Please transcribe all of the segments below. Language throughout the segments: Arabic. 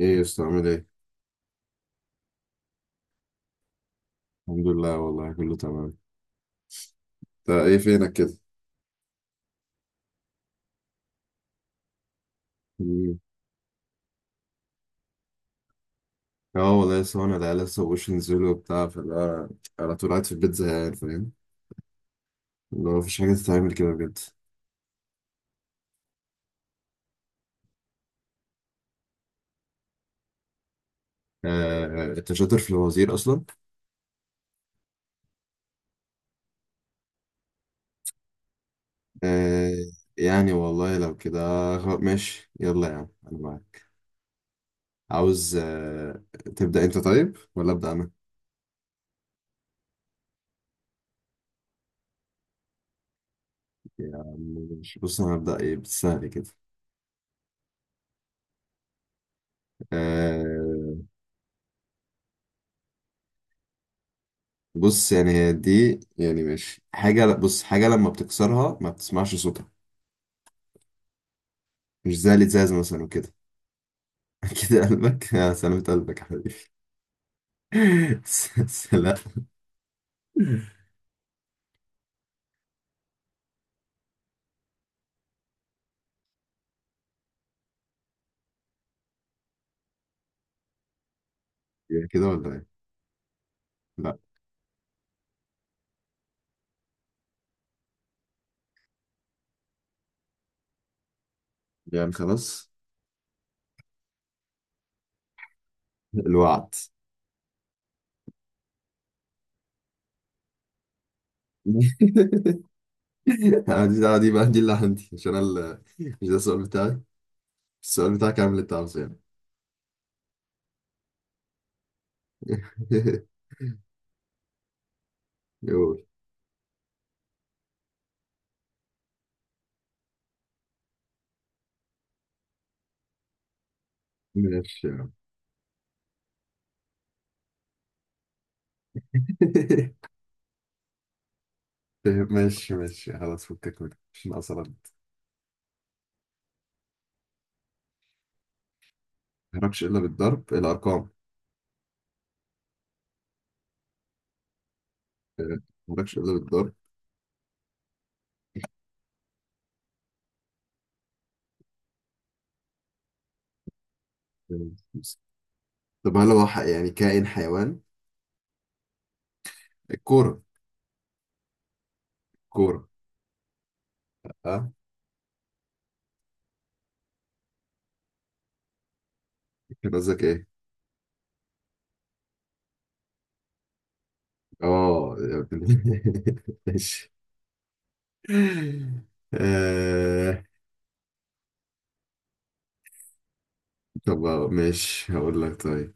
ايه يا اسطى عامل ايه؟ الحمد لله والله كله تمام. انت ايه فينك كده؟ مم. اه، والله لسه، وانا العيال لسه مبقوش ينزلوا وبتاع، فاللي هو على طول قاعد في البيت زهقان، فاهم؟ اللي هو مفيش حاجة تتعمل كده بجد. آه آه، انت شاطر في الوزير اصلا؟ آه، يعني والله لو كده. ماشي يلا يا عم انا معاك، عاوز، آه. تبدأ انت طيب ولا أبدأ انا؟ يا عم ماشي. بص انا هبدأ ايه بالسهل كده. آه، بص يعني هي دي يعني ماشي حاجة. بص حاجة لما بتكسرها ما بتسمعش صوتها، مش زي الإزاز مثلا وكده. كده قلبك؟ آه، سلامة قلبك يا حبيبي. لا. يعني كده ولا ايه؟ لا، يعني خلاص الوعد. أنا دي دي بقى، دي اللي عندي، عشان أنا مش ده السؤال بتاعي، السؤال بتاعك، اعمل اللي انت عاوزه يعني. يقول، ماشي يا عم. ماشي ماشي، خلاص، فكك منك، مش ناقصة ما تهربش الا بالضرب الارقام. آه، مالكش إلا بالضرب. آه، خمسة. طب هل هو يعني كائن حيوان؟ الكورة؟ الكورة، اه؟ كان قصدك ايه؟ اه. ماشي. آه، طب ماشي هقول لك طيب.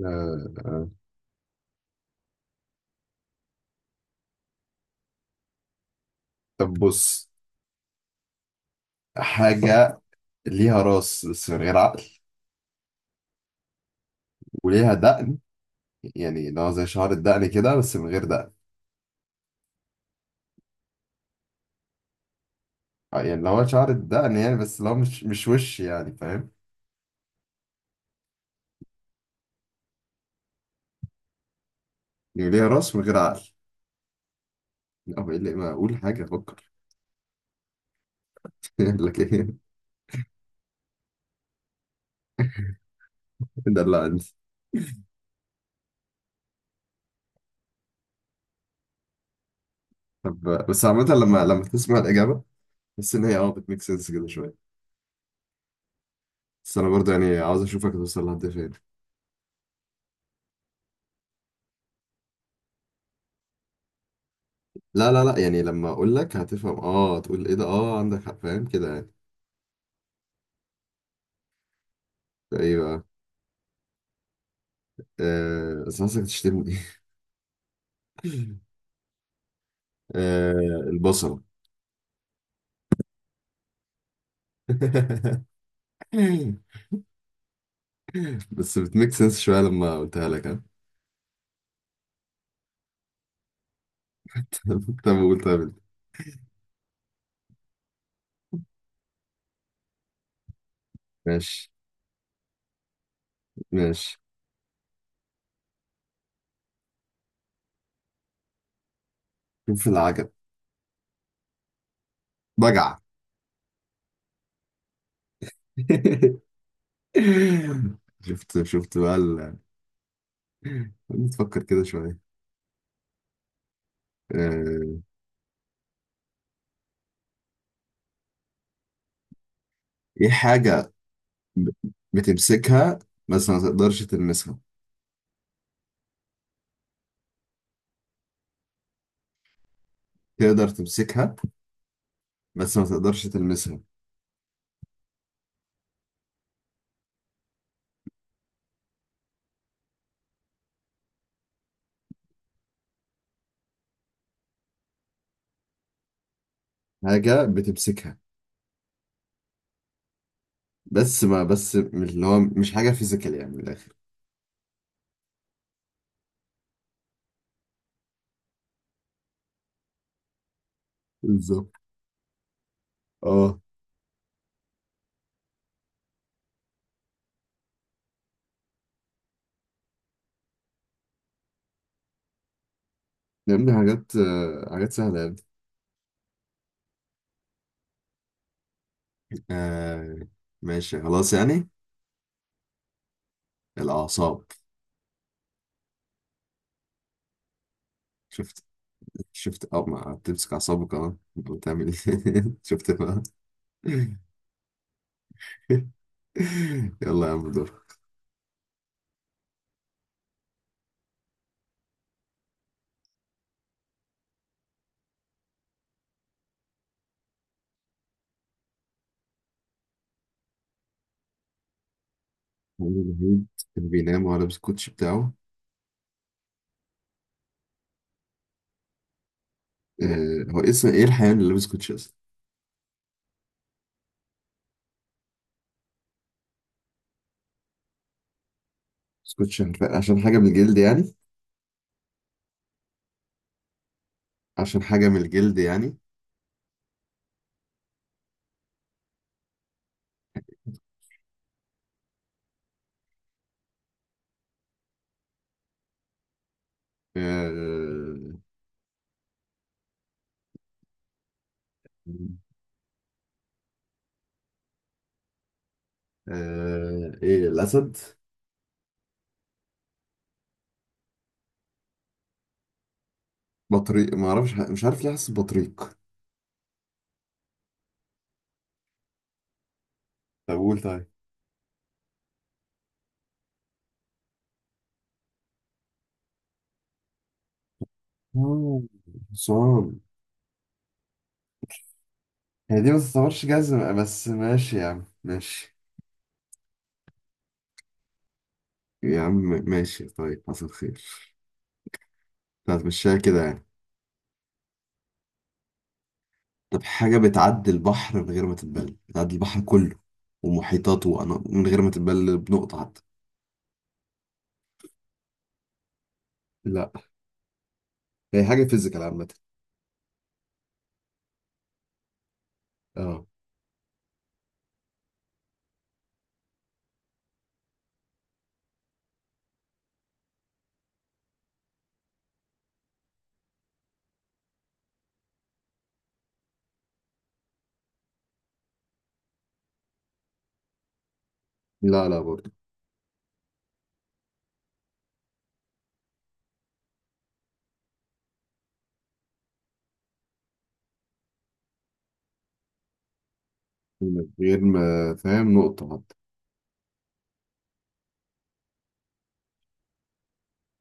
آه، آه. طب بص، حاجة ليها راس بس من غير عقل، وليها دقن، يعني لو زي شعر الدقن كده بس من غير دقن. آه، يعني لو هو شعر الدقن يعني، بس لو مش وش، يعني فاهم؟ يعني ليها راس من غير عقل. لا، هو ايه اللي، ما اقول حاجة، افكر. يقول لك ايه. ده اللي انت. طب بس عامة، لما تسمع الإجابة تحس إن هي، اه، بتميك سنس كده شوية، بس أنا برضه يعني عاوز أشوفك توصل لحد فين. لا لا لا، يعني لما أقول لك هتفهم، اه، تقول ايه ده، اه، عندك حق، فاهم كده يعني. ايه بقى؟ آه، بس حاسسك تشتمني. آه، البصلة. بس بتميك سنس شوية لما قلتها لك، ها؟ طب قول، طب انت. ماشي ماشي، شوف العجب. بجعة. شفت شفت بقى. نفكر كده شوية. آه، ايه حاجة، ب- بتمسكها بس ما تقدرش تلمسها؟ تقدر تمسكها بس ما تقدرش تلمسها. حاجة بتمسكها، بس ما بس مش اللي هو، مش حاجة فيزيكال يعني من الآخر. بالظبط، اه. يا ابني حاجات، آه، حاجات سهلة يا ابني. آه، ماشي خلاص يعني. الأعصاب. شفت؟ شفت، اه، ما بتمسك أعصابك، اه، بتعمل ايه؟ شفت بقى. يلا يا عم دور. عمرو نهيد كان بينام وهو لابس الكوتشي بتاعه. آه، هو اسمه ايه الحيوان اللي لابس كوتشي اصلا؟ بس كوتشي عشان حاجة من الجلد يعني. عشان حاجة من الجلد يعني. آه. آه، ايه، الأسد؟ بطريق، ما اعرفش، مش عارف ليه حاسس بطريق. طب قول طيب. آه، حصان؟ هي دي ما تعتبرش جزمة بس ماشي يا عم ماشي. يا عم ماشي طيب، حصل خير، هتمشيها كده يعني. طب حاجة بتعدي البحر من غير ما تتبل، بتعدي البحر كله ومحيطاته، من غير ما تتبل بنقطة حتى. لا، هي حاجة فيزيكال عامة، اه. لا لا برضه. من غير ما، فاهم، نقطة حتى.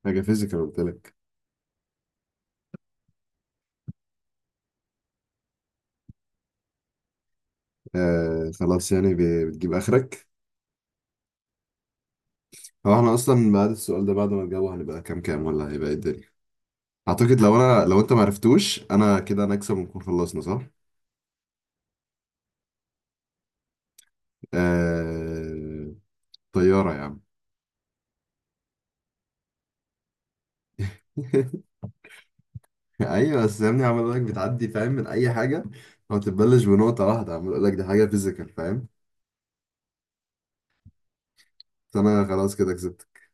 حاجة فيزيكال قلت لك. آه، خلاص يعني بتجيب آخرك. هو احنا أصلا بعد السؤال ده، بعد ما نجاوب، هنبقى كام كام، ولا هيبقى ايه الدنيا؟ أعتقد لو أنا لو أنت معرفتوش، أنا كده أنا أكسب، ونكون خلصنا، صح؟ آه... طيارة يا عم. ايوه، بس يا ابني عمال لك بتعدي، فاهم، من اي حاجه، ما بتبلش بنقطه واحده، عمال اقول لك دي حاجه فيزيكال، فاهم؟ بس انا خلاص كده كسبتك.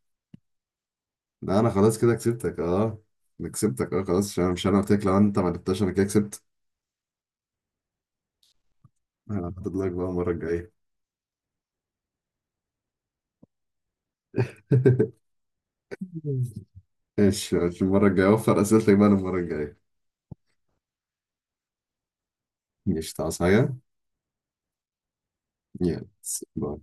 لا، انا خلاص كده كسبتك، اه، انا كسبتك، اه، خلاص، عشان مش انا قلت لك لو انت ما جبتهاش انا كده كسبت. انا هحدد لك بقى المره الجايه. ماشي ماشي، المره الجايه اوفر اسئلتك بقى المره الجايه. ماشي تعصي حاجه. يلا باي.